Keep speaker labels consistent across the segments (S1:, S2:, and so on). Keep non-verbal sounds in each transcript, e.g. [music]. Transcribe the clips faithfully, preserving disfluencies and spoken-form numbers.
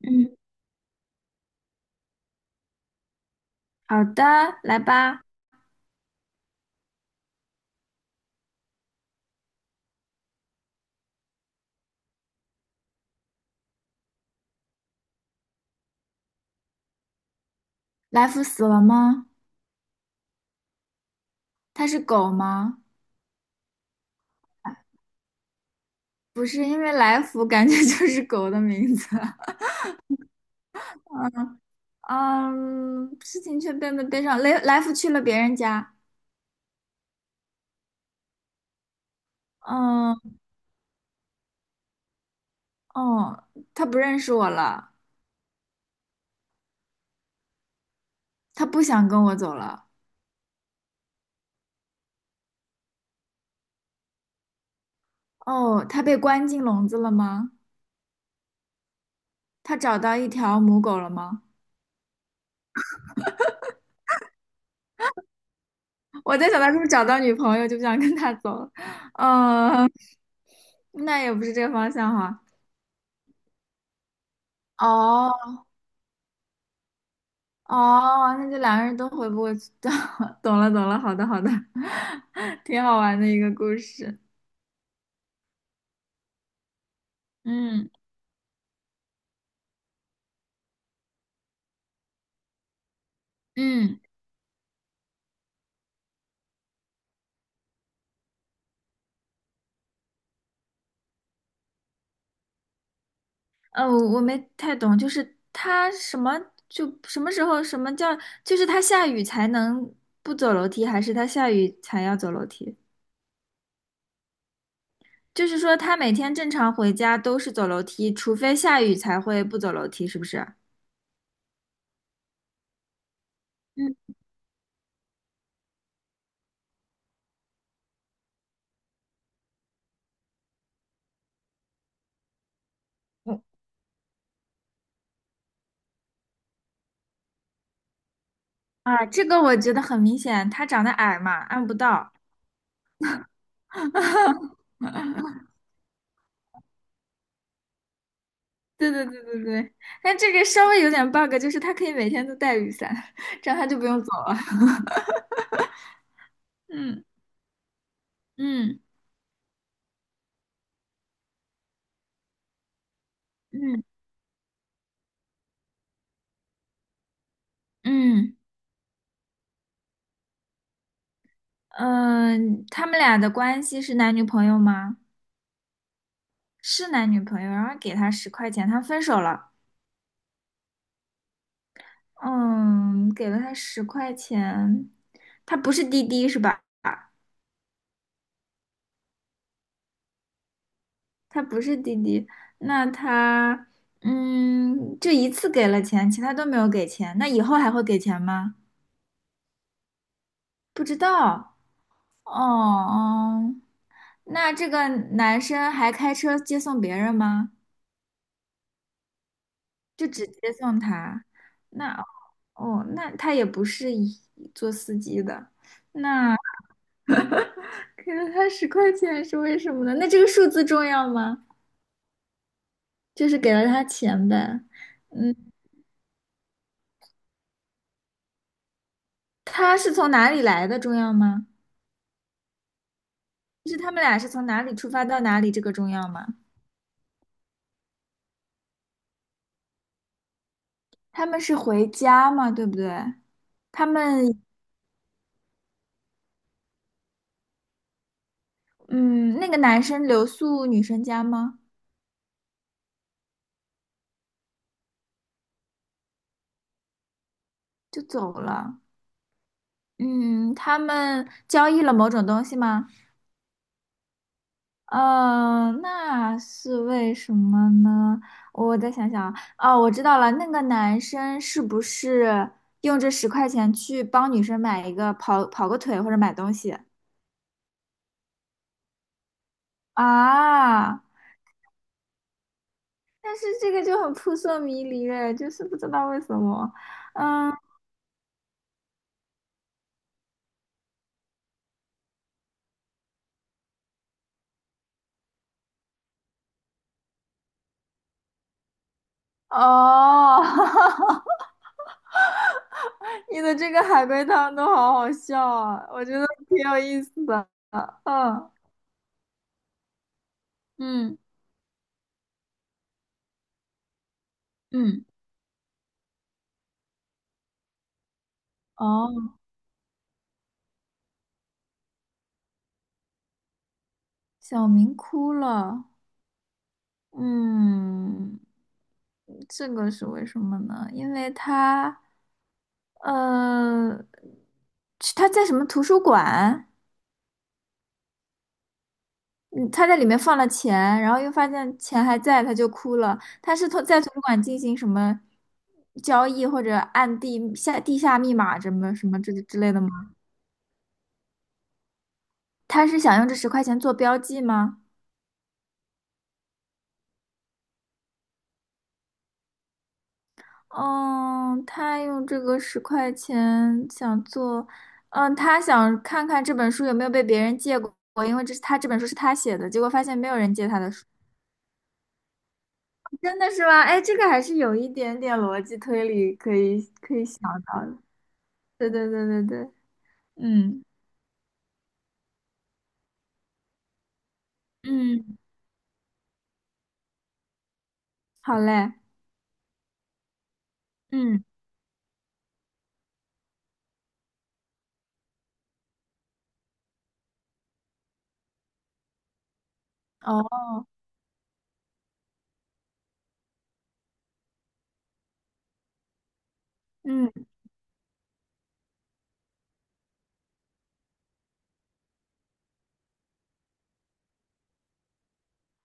S1: 嗯，好的，来吧。来福死了吗？它是狗吗？不是，因为来福感觉 [laughs] 就是狗的名字。[laughs] 嗯，事情却变得悲伤。来来福去了别人家。嗯，哦，他不认识我了，他不想跟我走了。哦，他被关进笼子了吗？他找到一条母狗了吗？[laughs] 我在想他是不是找到女朋友就不想跟他走了。嗯，[laughs] 那也不是这个方向哈。哦。哦，那就两个人都回不过去，[laughs] 懂了懂了，好的好的，[laughs] 挺好玩的一个故事。嗯嗯，呃，我我没太懂，就是他什么就什么时候什么叫，就是他下雨才能不走楼梯，还是他下雨才要走楼梯？就是说他每天正常回家都是走楼梯，除非下雨才会不走楼梯，是不是？嗯，我啊，这个我觉得很明显，他长得矮嘛，按不到。对对对对对，但这个稍微有点 bug，就是他可以每天都带雨伞，[laughs] 这样他就不用走了。[laughs] 嗯嗯嗯嗯，嗯，呃他们俩的关系是男女朋友吗？是男女朋友，然后给他十块钱，他分手了。嗯，给了他十块钱，他不是滴滴是吧？他不是滴滴，那他嗯，就一次给了钱，其他都没有给钱，那以后还会给钱吗？不知道。哦哦，那这个男生还开车接送别人吗？就只接送他？那哦，那他也不是一做司机的，那给了他十块钱是为什么呢？那这个数字重要吗？就是给了他钱呗。嗯，他是从哪里来的重要吗？就是他们俩是从哪里出发到哪里，这个重要吗？他们是回家吗？对不对？他们，嗯，那个男生留宿女生家吗？就走了。嗯，他们交易了某种东西吗？呃，那是为什么呢？我再想想啊，哦，我知道了，那个男生是不是用这十块钱去帮女生买一个跑跑个腿或者买东西啊？但是这个就很扑朔迷离哎，就是不知道为什么。嗯，哦，[laughs] 你的这个海龟汤都好好笑啊，我觉得挺有意思的。嗯嗯。嗯，哦，小明哭了。嗯，这个是为什么呢？因为他，呃，是他在什么图书馆？嗯，他在里面放了钱，然后又发现钱还在，他就哭了。他是从在图书馆进行什么交易，或者按地下地下密码什么什么之之类的吗？他是想用这十块钱做标记吗？嗯，他用这个十块钱想做，嗯，他想看看这本书有没有被别人借过，因为这是他这本书是他写的，结果发现没有人借他的书，真的是吗？哎，这个还是有一点点逻辑推理可以可以想到的。对对对对对，嗯嗯，好嘞，嗯哦嗯，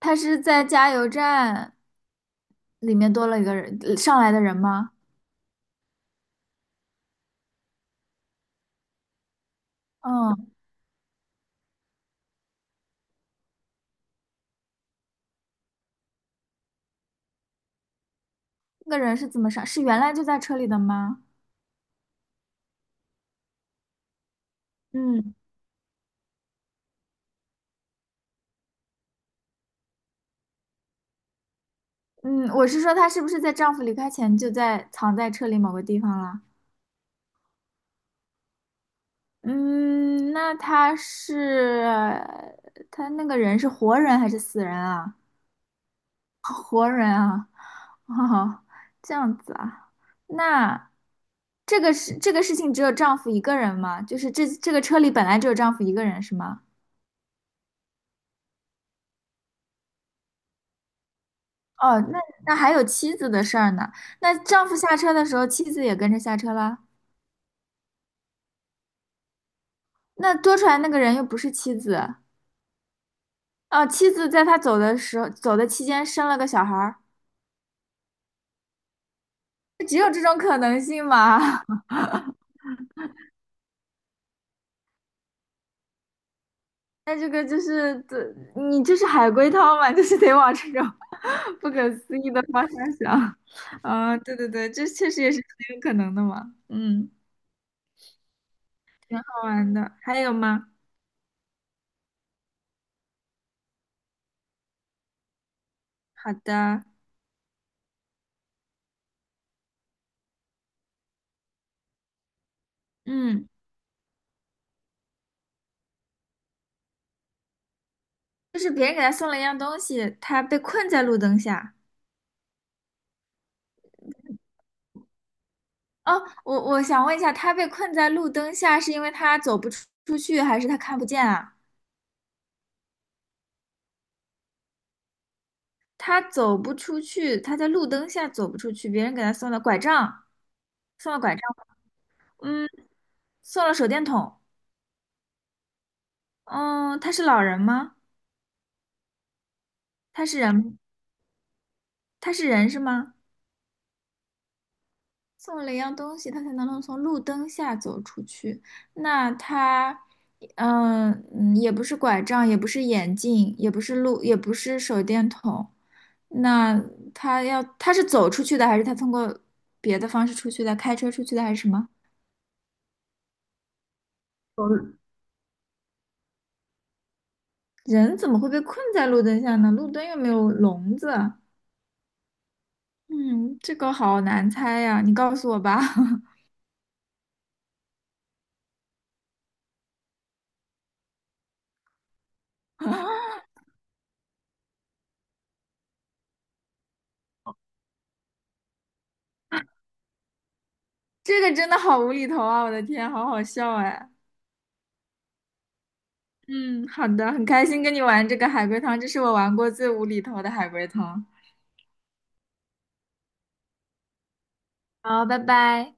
S1: 他是在加油站里面多了一个人上来的人吗？嗯，那个人是怎么上？是原来就在车里的吗？嗯。嗯，我是说她是不是在丈夫离开前就在藏在车里某个地方了？嗯，那她是她那个人是活人还是死人啊？[laughs] 哦，这样子啊，那这个事这个事情只有丈夫一个人吗？就是这这个车里本来只有丈夫一个人是吗？哦，那那还有妻子的事儿呢。那丈夫下车的时候，妻子也跟着下车了。那多出来那个人又不是妻子，哦，妻子在他走的时候，走的期间生了个小孩儿，只有这种可能性嘛？[laughs] 那这个就是，这你这是海龟汤嘛？就是得往这种 [laughs] 不可思议的方向想。啊、对对对，这确实也是很有可能的嘛。嗯，好玩的，还有吗？好的，嗯，就是别人给他送了一样东西，他被困在路灯下。哦，我我想问一下，他被困在路灯下是因为他走不出出去，还是他看不见啊？他走不出去，他在路灯下走不出去，别人给他送了拐杖，送了拐杖，嗯，送了手电筒，嗯，他是老人吗？他是人吗他是人是吗？送了一样东西，他才能能从路灯下走出去。那他，嗯嗯，也不是拐杖，也不是眼镜，也不是路，也不是手电筒。那他要，他是走出去的，还是他通过别的方式出去的？开车出去的，还是什么？人怎么会被困在路灯下呢？路灯又没有笼子。嗯，这个好难猜呀，你告诉我吧。[laughs] 这个真的好无厘头啊！我的天，好好笑哎。嗯，好的，很开心跟你玩这个海龟汤，这是我玩过最无厘头的海龟汤。好，拜拜。